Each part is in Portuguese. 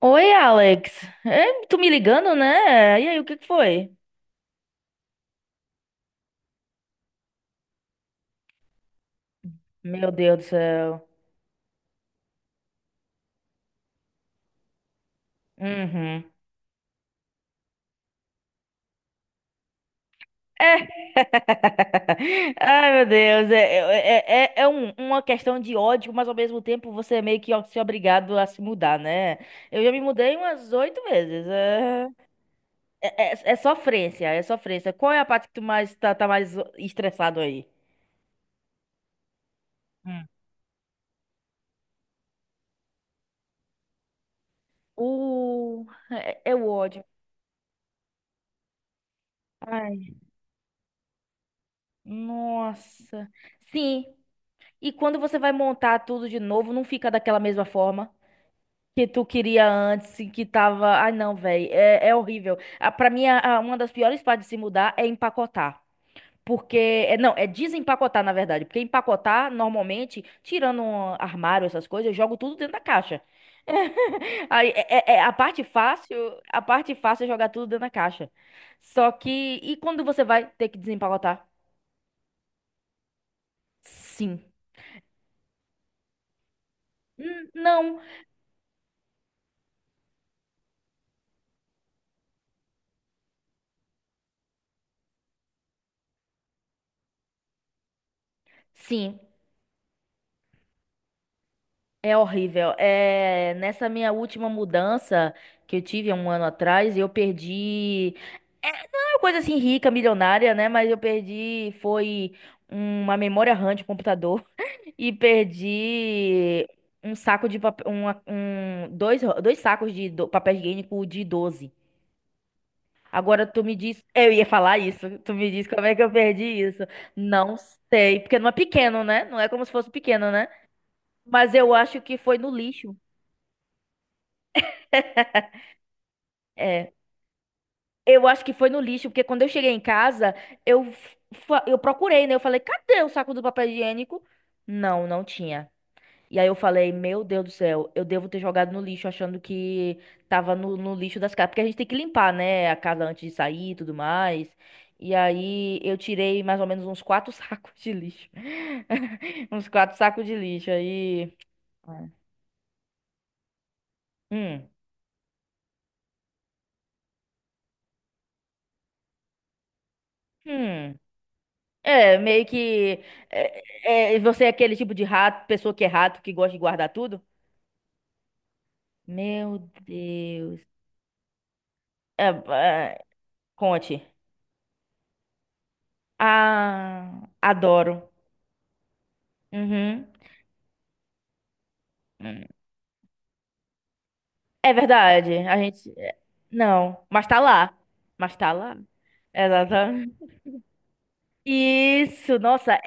Oi, Alex. É, tu me ligando, né? E aí, o que que foi? Meu Deus do céu. Uhum. É. Ai, meu Deus. É uma questão de ódio, mas ao mesmo tempo você é meio que se é obrigado a se mudar, né? Eu já me mudei umas 8 vezes. É sofrência, é sofrência. Qual é a parte que tu mais tá mais estressado aí? Hum. Uh, é o ódio. Ai, nossa. Sim, e quando você vai montar tudo de novo, não fica daquela mesma forma que tu queria antes, e que tava. Ai, não, velho, é horrível. Ah, pra mim, uma das piores partes de se mudar é empacotar. Porque, não, é desempacotar, na verdade. Porque empacotar, normalmente, tirando um armário, essas coisas, eu jogo tudo dentro da caixa. Aí, é a parte fácil é jogar tudo dentro da caixa. Só que, e quando você vai ter que desempacotar? Sim. Não, sim. É horrível. É, nessa minha última mudança que eu tive há um ano atrás, eu perdi. É, não é uma coisa assim rica, milionária, né? Mas eu perdi. Foi uma memória RAM de computador e perdi um saco de papel. Dois sacos de papel higiênico de 12. Agora tu me diz. Eu ia falar isso. Tu me diz como é que eu perdi isso. Não sei. Porque não é pequeno, né? Não é como se fosse pequeno, né? Mas eu acho que foi no lixo. É, eu acho que foi no lixo, porque quando eu cheguei em casa, eu, eu procurei, né? Eu falei, cadê o saco do papel higiênico? Não, não tinha. E aí eu falei, meu Deus do céu, eu devo ter jogado no lixo achando que tava no lixo das casas. Porque a gente tem que limpar, né? A casa antes de sair e tudo mais. E aí eu tirei mais ou menos uns quatro sacos de lixo. Uns quatro sacos de lixo. Aí. Hum. Hum. É, meio que. É, você é aquele tipo de rato, pessoa que é rato, que gosta de guardar tudo? Meu Deus. É, é, conte. Ah, adoro. Uhum. É verdade. A gente, é, não, mas tá lá. Mas tá lá. Exatamente. Isso, nossa.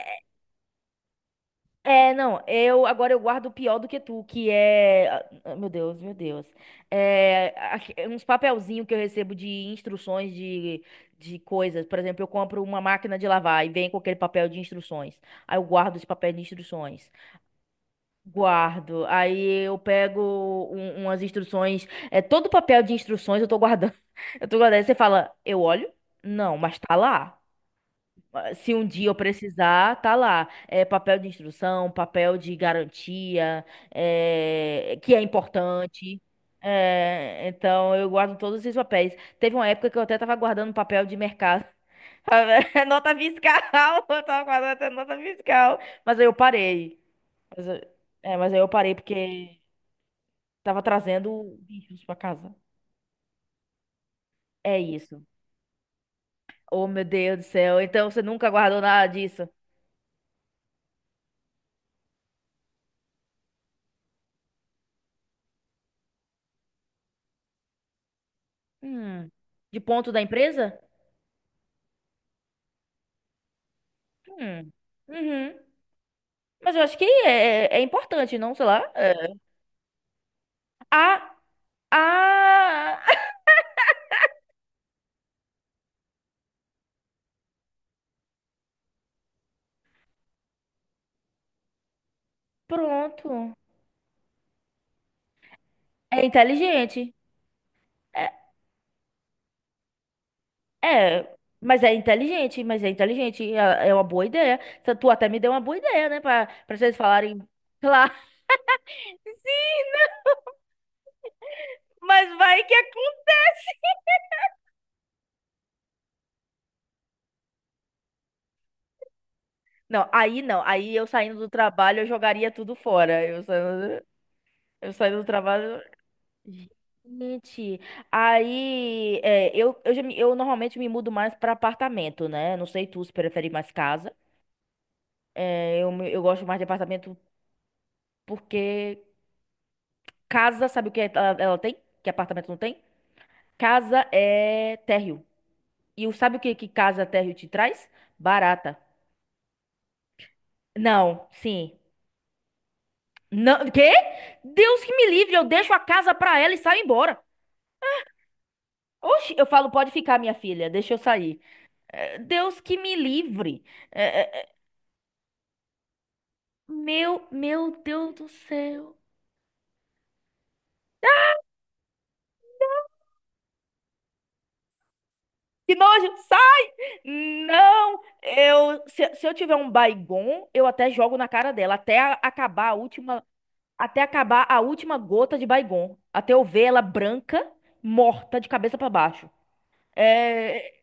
É, não, eu agora eu guardo o pior do que tu, que é, ah, ah, meu Deus, meu Deus. É, uns papelzinhos que eu recebo de instruções de coisas. Por exemplo, eu compro uma máquina de lavar e vem com aquele papel de instruções. Aí eu guardo esse papel de instruções. Guardo. Aí eu pego umas instruções, é todo papel de instruções eu tô guardando. Eu tô guardando. Aí você fala, eu olho? Não, mas tá lá. Se um dia eu precisar, tá lá. É papel de instrução, papel de garantia, que é importante. É, então eu guardo todos esses papéis. Teve uma época que eu até tava guardando papel de mercado. Nota fiscal, eu tava guardando até nota fiscal. Mas aí eu parei. Mas, eu- mas aí eu parei porque tava trazendo bichos pra casa. É isso. Oh, meu Deus do céu. Então você nunca guardou nada disso? Hum. De ponto da empresa? Hum. Uhum. Mas eu acho que é importante, não? Sei lá. É. Ah, ah, pronto. É inteligente. É, é, mas é inteligente, mas é inteligente. É, é uma boa ideia. Tu até me deu uma boa ideia, né? Pra vocês falarem. Claro. Sim, não, mas vai que acontece. Não, aí não. Aí eu saindo do trabalho, eu jogaria tudo fora. Eu saindo do trabalho. Gente, aí é, eu normalmente me mudo mais para apartamento, né? Não sei tu se prefere mais casa. É, eu gosto mais de apartamento porque casa, sabe o que é, ela tem? Que apartamento não tem? Casa é térreo. Sabe o que, que casa térreo te traz? Barata. Não, sim. Não, quê? Deus que me livre, eu deixo a casa pra ela e saio embora. Oxe, eu falo, pode ficar, minha filha, deixa eu sair. É, Deus que me livre. É, é, meu Deus do céu. Que nojo, sai! Não, eu se, se eu tiver um Baygon, eu até jogo na cara dela até acabar a última, até acabar a última gota de Baygon, até eu ver ela branca, morta de cabeça pra baixo. É,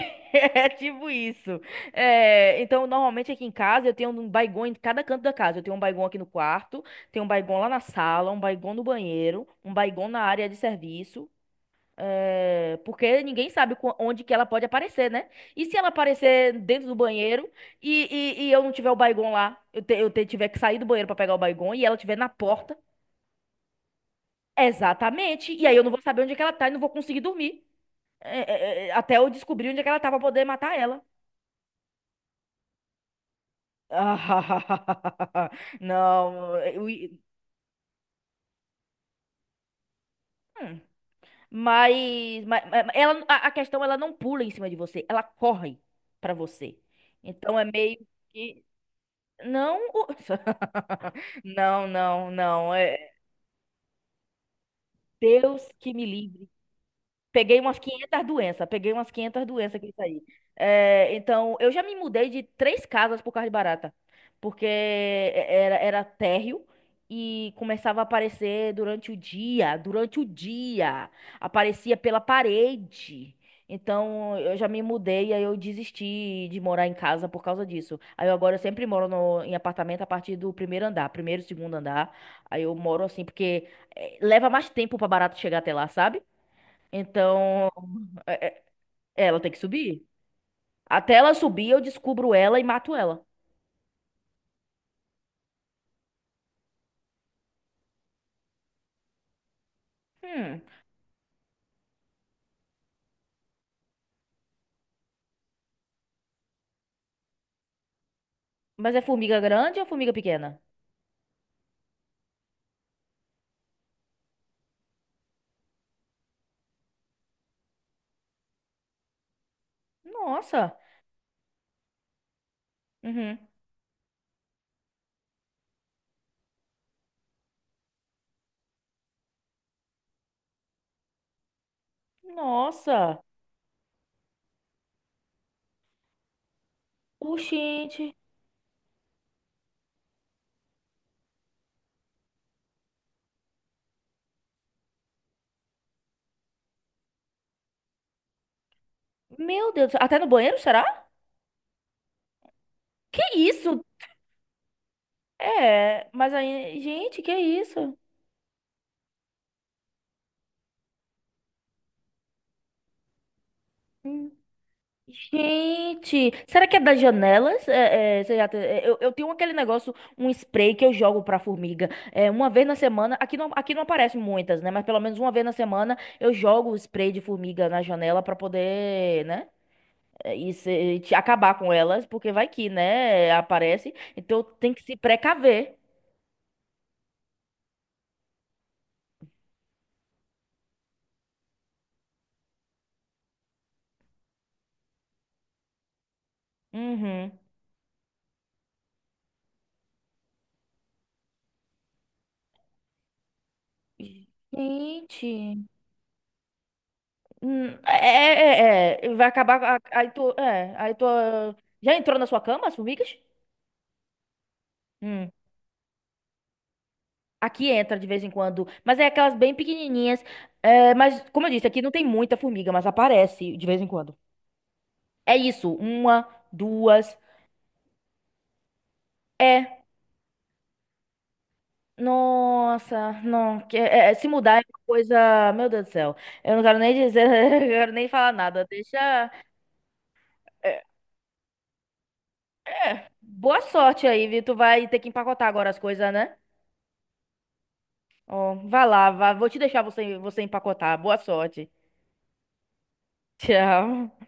é tipo isso. É, então, normalmente aqui em casa eu tenho um Baygon em cada canto da casa. Eu tenho um Baygon aqui no quarto, tenho um Baygon lá na sala, um Baygon no banheiro, um Baygon na área de serviço. É, porque ninguém sabe onde que ela pode aparecer, né? E se ela aparecer dentro do banheiro e, e eu não tiver o Baygon lá, eu tiver que sair do banheiro pra pegar o Baygon e ela estiver na porta, exatamente. E aí eu não vou saber onde é que ela tá e não vou conseguir dormir. Até eu descobrir onde é que ela tá pra poder matar ela. Ah, não, hum. Mas a questão, ela não pula em cima de você, ela corre pra você. Então é meio que. Não, não, não, não. É, Deus que me livre. Peguei umas 500 doenças, peguei umas 500 doenças que isso aí. É, então, eu já me mudei de três casas por causa de barata, porque era térreo e começava a aparecer durante o dia, aparecia pela parede. Então, eu já me mudei, aí eu desisti de morar em casa por causa disso. Aí eu agora eu sempre moro em apartamento a partir do primeiro andar, primeiro, segundo andar. Aí eu moro assim, porque leva mais tempo pra barata chegar até lá, sabe? Então, é- é- ela tem que subir. Até ela subir, eu descubro ela e mato ela. Hum, mas é formiga grande ou formiga pequena? Nossa. Uhum. Nossa. Oxente. Meu Deus. Até no banheiro, será? Que isso? É, mas aí, gente, que isso? Hum. Gente, será que é das janelas? É, é, você já te- é, eu tenho aquele negócio, um spray que eu jogo pra formiga. É, uma vez na semana, aqui não aparecem muitas, né? Mas pelo menos uma vez na semana eu jogo o spray de formiga na janela pra poder, né? Acabar com elas, porque vai que, né? Aparece. Então tem que se precaver. Uhum. Gente, vai acabar. Aí tu, já entrou na sua cama as formigas? Hum. Aqui entra de vez em quando, mas é aquelas bem pequenininhas. É, mas, como eu disse, aqui não tem muita formiga, mas aparece de vez em quando. É isso, uma, duas. É, nossa, não. Se mudar é uma coisa. Meu Deus do céu. Eu não quero nem dizer, eu não quero nem falar nada. Deixa. é, Boa sorte aí, viu? Tu vai ter que empacotar agora as coisas, né? Ó, vai lá, vá, vou te deixar você empacotar. Boa sorte. Tchau.